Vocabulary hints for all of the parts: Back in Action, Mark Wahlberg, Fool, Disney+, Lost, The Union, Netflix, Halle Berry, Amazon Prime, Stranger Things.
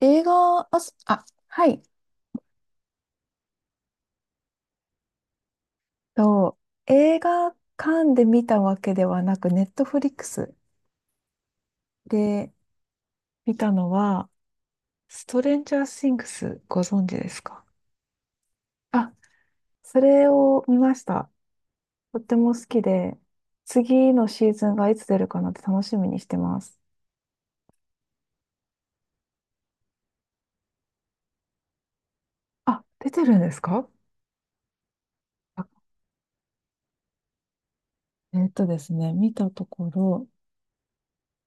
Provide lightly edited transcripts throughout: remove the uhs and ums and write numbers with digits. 映画、あ、すあ、はい。と、映画館で見たわけではなく、ネットフリックスで見たのは、ストレンジャー・シングス、ご存知ですか？あ、それを見ました。とっても好きで、次のシーズンがいつ出るかなって楽しみにしてます。あ、出てるんですか？あ、えーっとですね、見たところ、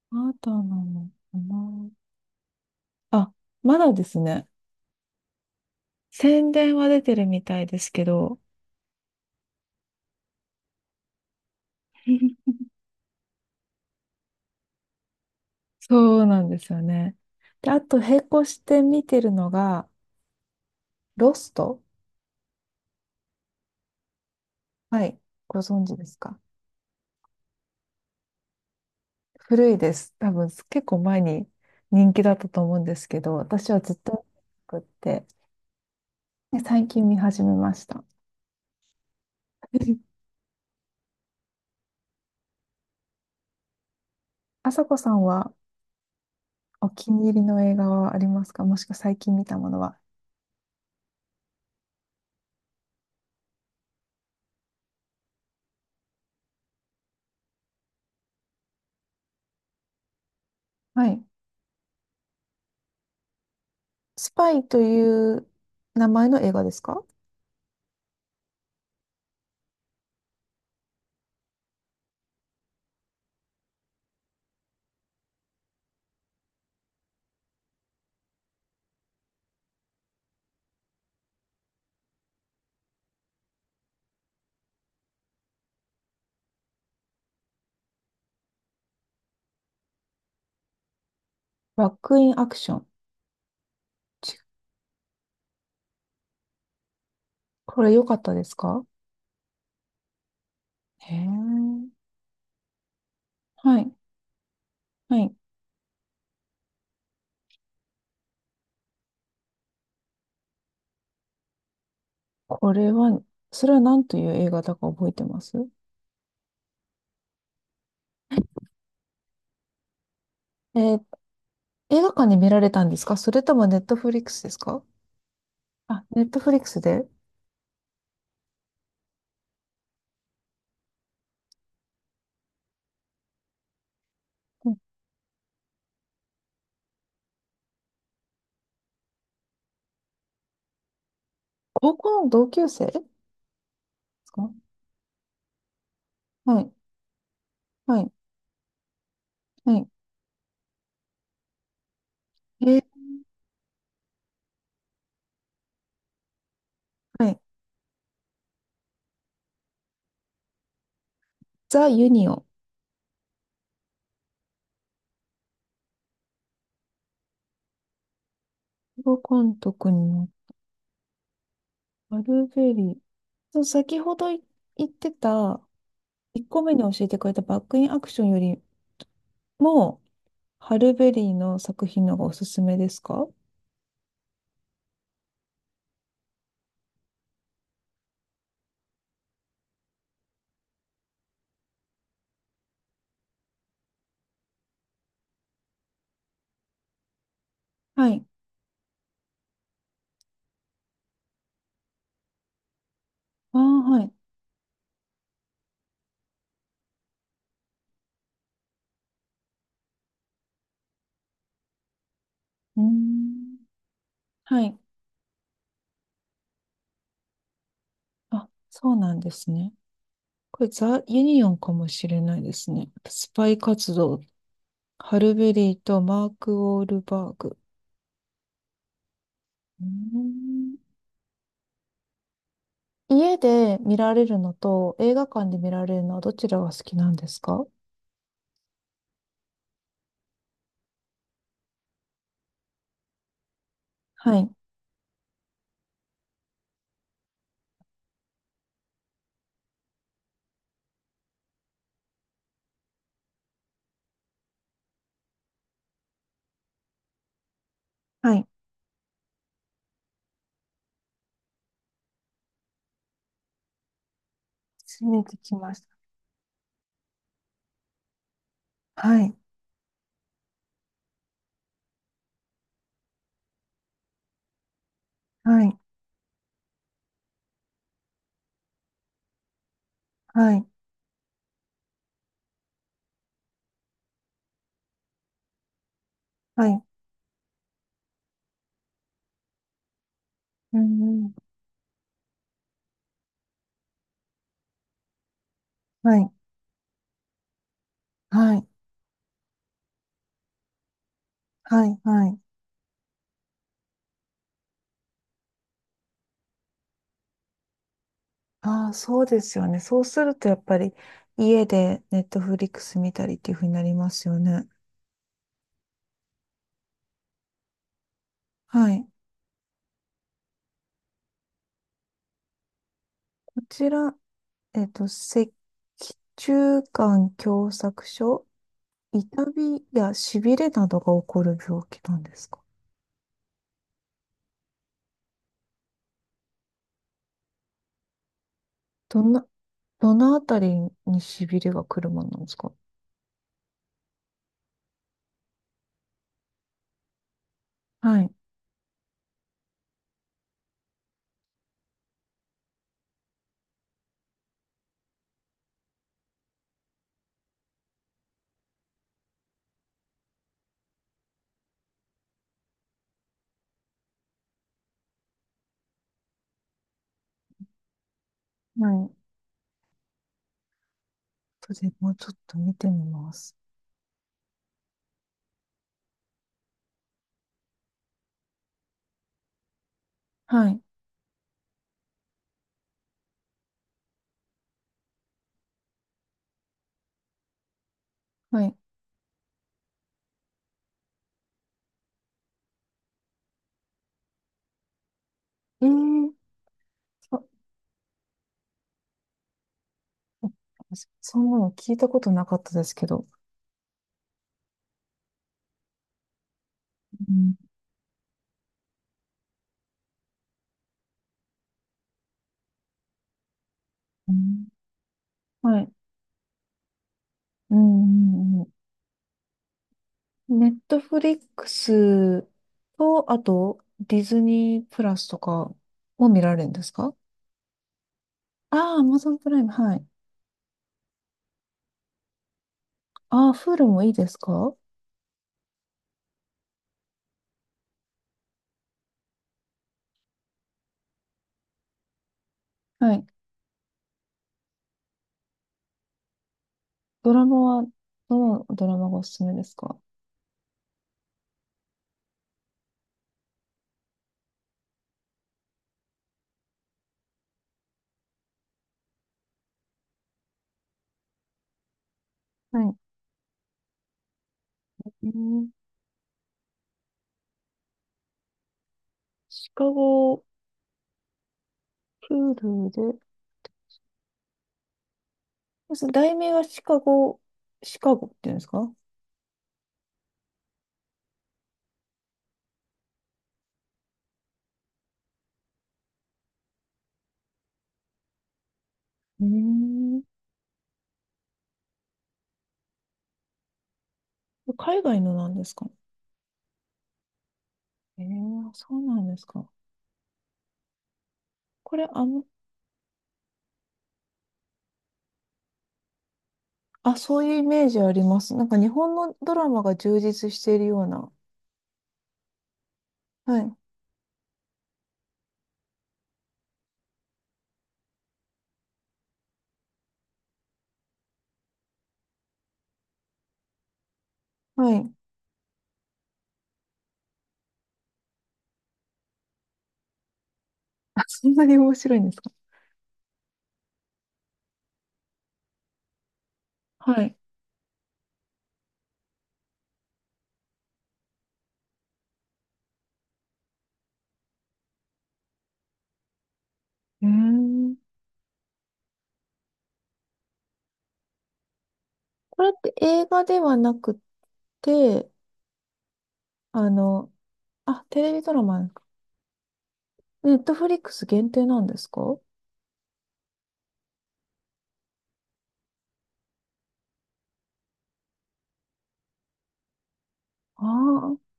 まだなのかな。あ、まだですね。宣伝は出てるみたいですけど、そうなんですよね。で、あと並行して見てるのが、ロスト。はい。ご存知ですか？古いです。多分結構前に人気だったと思うんですけど、私はずっと見てなくって、で最近見始めました。あさこさんはお気に入りの映画はありますか？もしくは最近見たものは。はい。スパイという名前の映画ですか？バックインアクション。ち、これ良かったですか？へえ。はい。はい。これは、それは何という映画だか覚えてます？えーっ、映画館で見られたんですか？それともネットフリックスですか？あ、ネットフリックスで、うん、高校の同級生ですか？はい、はい、はい。えー、はい。ザ・ユニオン。映画監督のアルベリー。そう、先ほど言ってた、1個目に教えてくれたバックインアクションよりも、ハルベリーの作品の方がおすすめですか？はい。ああ、はい。うーん、はい。あ、そうなんですね。これザ・ユニオンかもしれないですね。スパイ活動。ハルベリーとマーク・ウォールバーグ。うーん、家で見られるのと映画館で見られるのはどちらが好きなんですか？はい。はい。初めてきました。はい。はい。はい。はい。うんうん。はい。はい。はい。はい。ああ、そうですよね。そうするとやっぱり家でネットフリックス見たりっていうふうになりますよね。はい。こちら、えっと、赤中間狭窄症、痛みやしびれなどが起こる病気なんですか？どんな、どのあたりにしびれが来るものなんですか？はい。はい。それもうちょっと見てみます。はい。はい。えー、そ、そんなの聞いたことなかったですけど。うんうん、はい。うんうん、うん。ネットフリックスと、あと、ディズニープラスとかも見られるんですか？ああ、アマゾンプライム、はい。ああ、フールもいいですか？はい。ドラマは、どのドラマがおすすめですか？はい。うん、シカゴ、フールで、そう題名はシカゴ、シカゴっていうんですか？えー、海外のなんですか？えー、そうなんですか？これ、あの、あ、そういうイメージあります。なんか日本のドラマが充実しているような。はい。はい。あ、そんなに面白いんですか？はい。うーん。これって映画ではなくて、あの、あ、テレビドラマなんですか？ネットフリックス限定なんですか？ああ